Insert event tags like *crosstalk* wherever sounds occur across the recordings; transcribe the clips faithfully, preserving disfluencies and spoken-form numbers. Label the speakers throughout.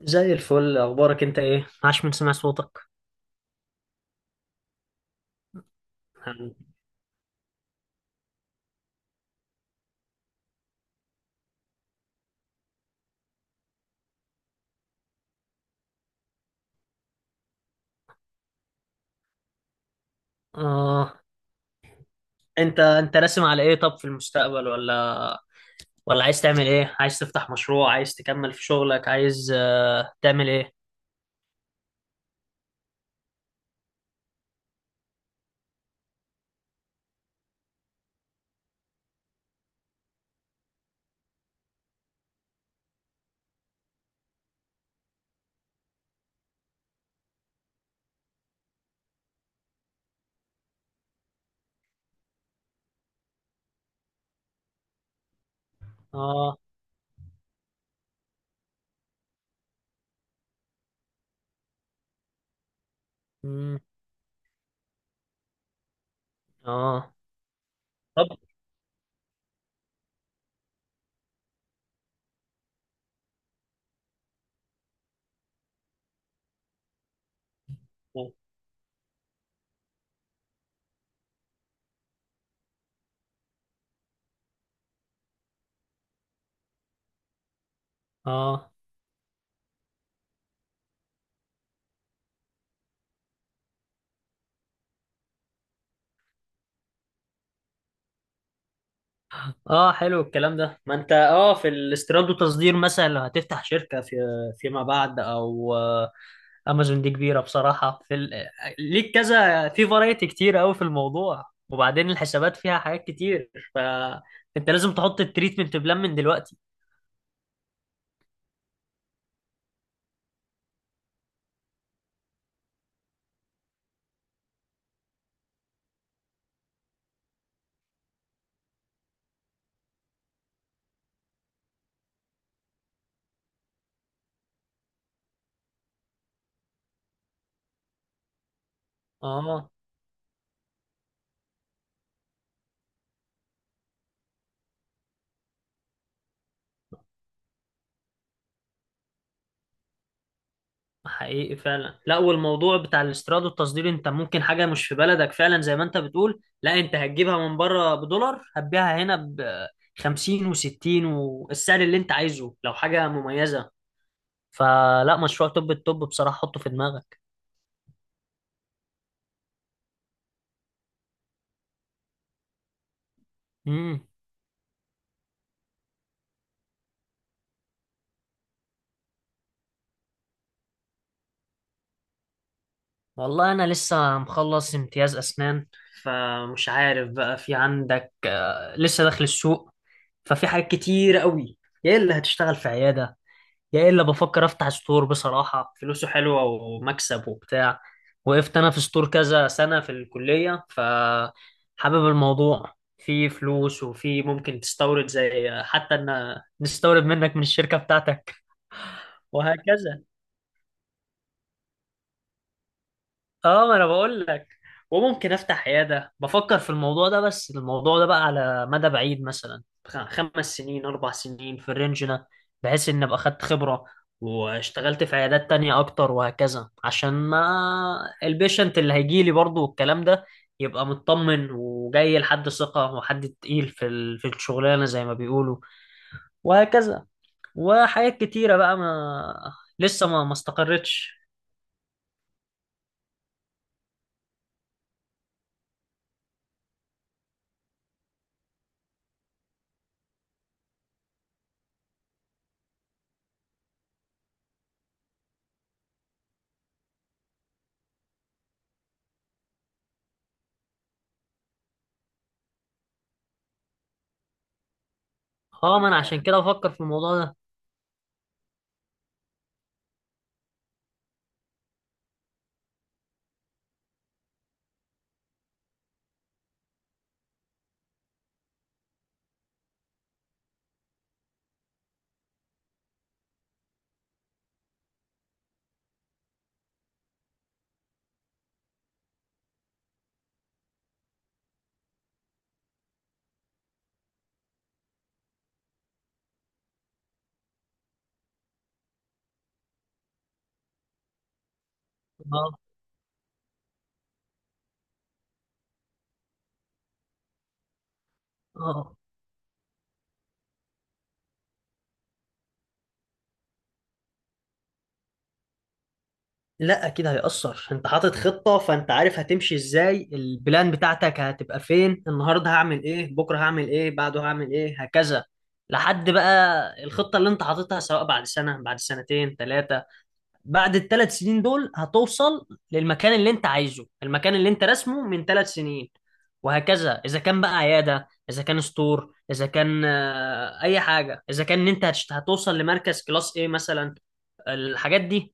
Speaker 1: زي الفل، اخبارك انت ايه؟ عاش من سمع صوتك. اه انت انت راسم على ايه طب في المستقبل، ولا ولا عايز تعمل ايه؟ عايز تفتح مشروع، عايز تكمل في شغلك، عايز آه، تعمل ايه؟ اه. مم. اه. طب. اه. اه حلو الكلام ده، ما انت اه في الاستيراد والتصدير، مثلا لو هتفتح شركة في فيما بعد، او آه، امازون دي كبيره بصراحه. في ال... ليك كذا في فرايتي كتير قوي في الموضوع. وبعدين الحسابات فيها حاجات كتير، فانت لازم تحط التريتمنت بلان من دلوقتي. اه حقيقي فعلا، لا والموضوع بتاع الاستيراد والتصدير انت ممكن حاجه مش في بلدك فعلا زي ما انت بتقول، لا انت هتجيبها من بره بدولار هتبيعها هنا ب خمسين و60 والسعر اللي انت عايزه لو حاجه مميزه. فلا، مشروع توب التوب بصراحه، حطه في دماغك. مم. والله أنا لسه مخلص امتياز أسنان، فمش عارف بقى في عندك آه، لسه داخل السوق، ففي حاجات كتير قوي. يا إلا هتشتغل في عيادة، يا إلا بفكر أفتح ستور بصراحة، فلوسه حلوة ومكسب وبتاع. وقفت أنا في ستور كذا سنة في الكلية، فحابب الموضوع، في فلوس وفي ممكن تستورد، زي حتى إن نستورد منك من الشركة بتاعتك وهكذا. اه ما انا بقول لك. وممكن افتح عياده، بفكر في الموضوع ده، بس الموضوع ده بقى على مدى بعيد، مثلا خ- خمس سنين اربع سنين في الرينج ده، بحيث ان ابقى خدت خبره واشتغلت في عيادات تانية اكتر وهكذا، عشان ما البيشنت اللي هيجي لي برضه والكلام ده يبقى مطمن وجاي لحد ثقه وحد تقيل في ال- في الشغلانه زي ما بيقولوا، وهكذا. وحاجات كتيره بقى ما لسه ما ما استقرتش. اه ما انا عشان كده بفكر في الموضوع ده. آه. اه، لا اكيد هيأثر. انت حاطط خطة فانت عارف هتمشي ازاي، البلان بتاعتك هتبقى فين، النهاردة هعمل ايه، بكرة هعمل ايه، بعده هعمل ايه، هكذا، لحد بقى الخطة اللي انت حاططها، سواء بعد سنة بعد سنتين ثلاثة. بعد الثلاث سنين دول هتوصل للمكان اللي انت عايزه، المكان اللي انت رسمه من ثلاث سنين. وهكذا، اذا كان بقى عيادة، اذا كان ستور، اذا كان آه، اي حاجة، اذا كان انت هتشت- هتوصل لمركز كلاس ايه مثلا، الحاجات دي.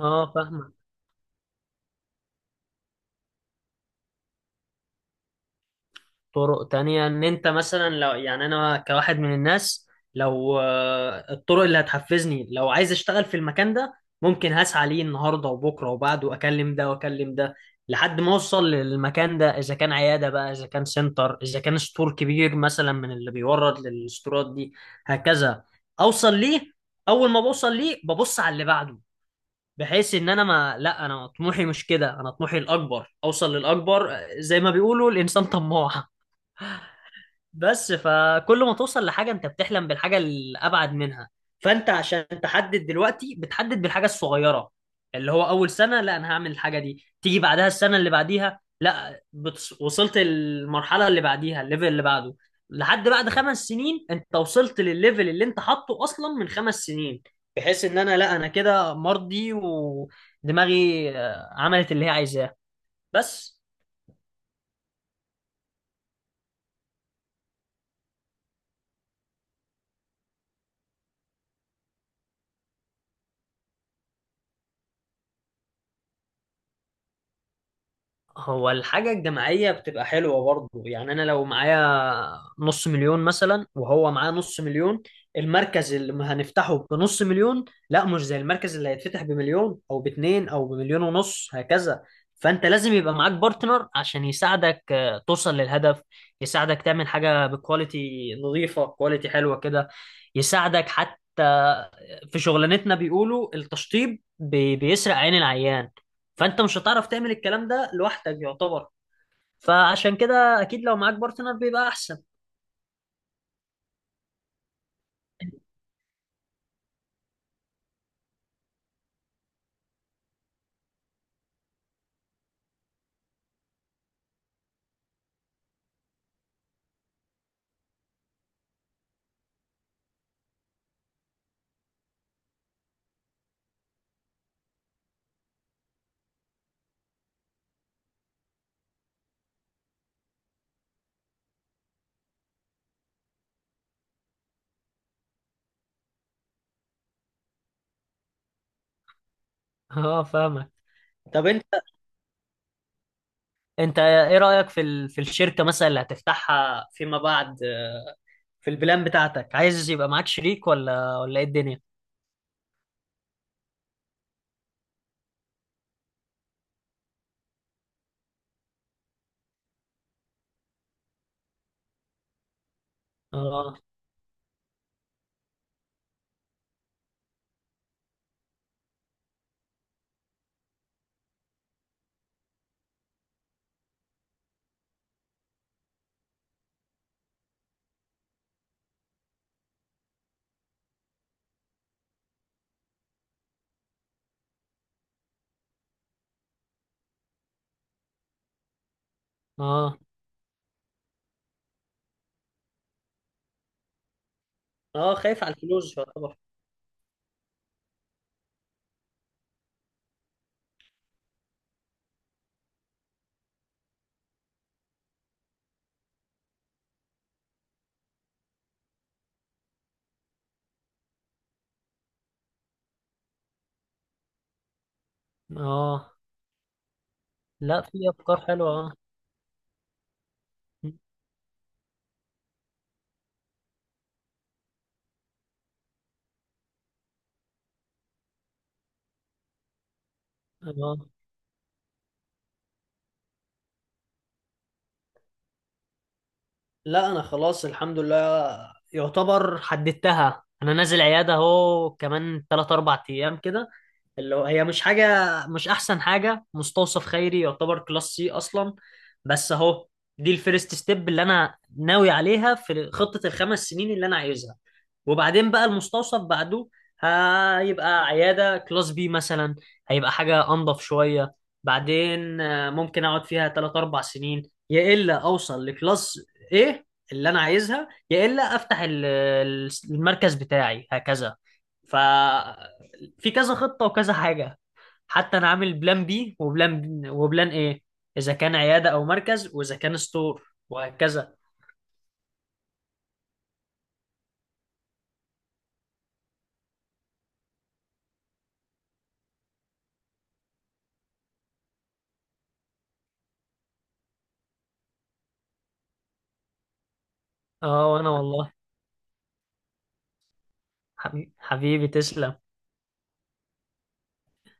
Speaker 1: اه فاهمك. طرق تانية ان انت مثلا لو، يعني انا كواحد من الناس، لو آه، الطرق اللي هتحفزني، لو عايز اشتغل في المكان ده ممكن هسعى ليه النهارده وبكره وبعده، واكلم ده واكلم ده، لحد ما اوصل للمكان ده. اذا كان عياده بقى، اذا كان سنتر، اذا كان ستور كبير مثلا من اللي بيورد للستورات دي، هكذا اوصل ليه. اول ما بوصل ليه ببص على اللي بعده، بحيث ان انا ما لا انا طموحي مش كده، انا طموحي الاكبر اوصل للاكبر. آه، زي ما بيقولوا الانسان طماع بس. فكل ما توصل لحاجة انت بتحلم بالحاجة الأبعد منها. فانت عشان تحدد دلوقتي بتحدد بالحاجة الصغيرة، اللي هو أول سنة لا أنا هعمل الحاجة دي، تيجي بعدها السنة اللي بعديها لا بتص... وصلت المرحلة اللي بعديها، الليفل اللي بعده، لحد بعد خمس سنين انت وصلت للليفل اللي انت حاطه أصلا من خمس سنين، بحيث ان انا لا انا كده مرضي ودماغي آه، عملت اللي هي عايزاه بس. هو الحاجة الجماعية بتبقى حلوة برضه، يعني أنا لو معايا نص مليون مثلا وهو معاه نص مليون، المركز اللي هنفتحه بنص مليون لا مش زي المركز اللي هيتفتح بمليون أو باتنين أو بمليون ونص، هكذا. فأنت لازم يبقى معاك بارتنر عشان يساعدك آه، توصل للهدف، يساعدك تعمل حاجة بكواليتي نظيفة، كواليتي حلوة كده، يساعدك حتى آه، في شغلانتنا بيقولوا التشطيب بي- بيسرق عين العيان، فانت مش هتعرف تعمل الكلام ده لوحدك يعتبر. فعشان كده اكيد لو معاك بارتنر بيبقى احسن. *laughs* اه فاهمك. طب انت، انت ايه رأيك في ال... في الشركة مثلا اللي هتفتحها فيما بعد، في البلان بتاعتك عايز يبقى معاك شريك ولا ولا ايه الدنيا؟ اه. اه. اه خايف على الفلوس يعتبر. اه لا في افكار حلوة اه. اه لا انا خلاص الحمد لله، يعتبر حددتها. انا نازل عياده اهو كمان ثلاثة أربعة ايام كده، اللي هو هي مش حاجه، مش احسن حاجه، مستوصف خيري يعتبر كلاس سي اصلا، بس اهو دي الفيرست ستيب اللي انا ناوي عليها في خطه الخمس سنين اللي انا عايزها. وبعدين بقى المستوصف بعده هيبقى عياده كلاس بي مثلا، هيبقى حاجه انضف شويه. بعدين آه، ممكن اقعد فيها تلاتة اربعة سنين، يا الا اوصل لكلاس ايه اللي انا عايزها، يا الا افتح ال- ال- المركز بتاعي هكذا. ف في كذا خطة وكذا حاجة، حتى انا عامل بلان بي وبلان وبلان ايه، اذا كان عيادة او مركز واذا كان ستور وهكذا. اه وانا والله. حبيبي, حبيبي تسلم.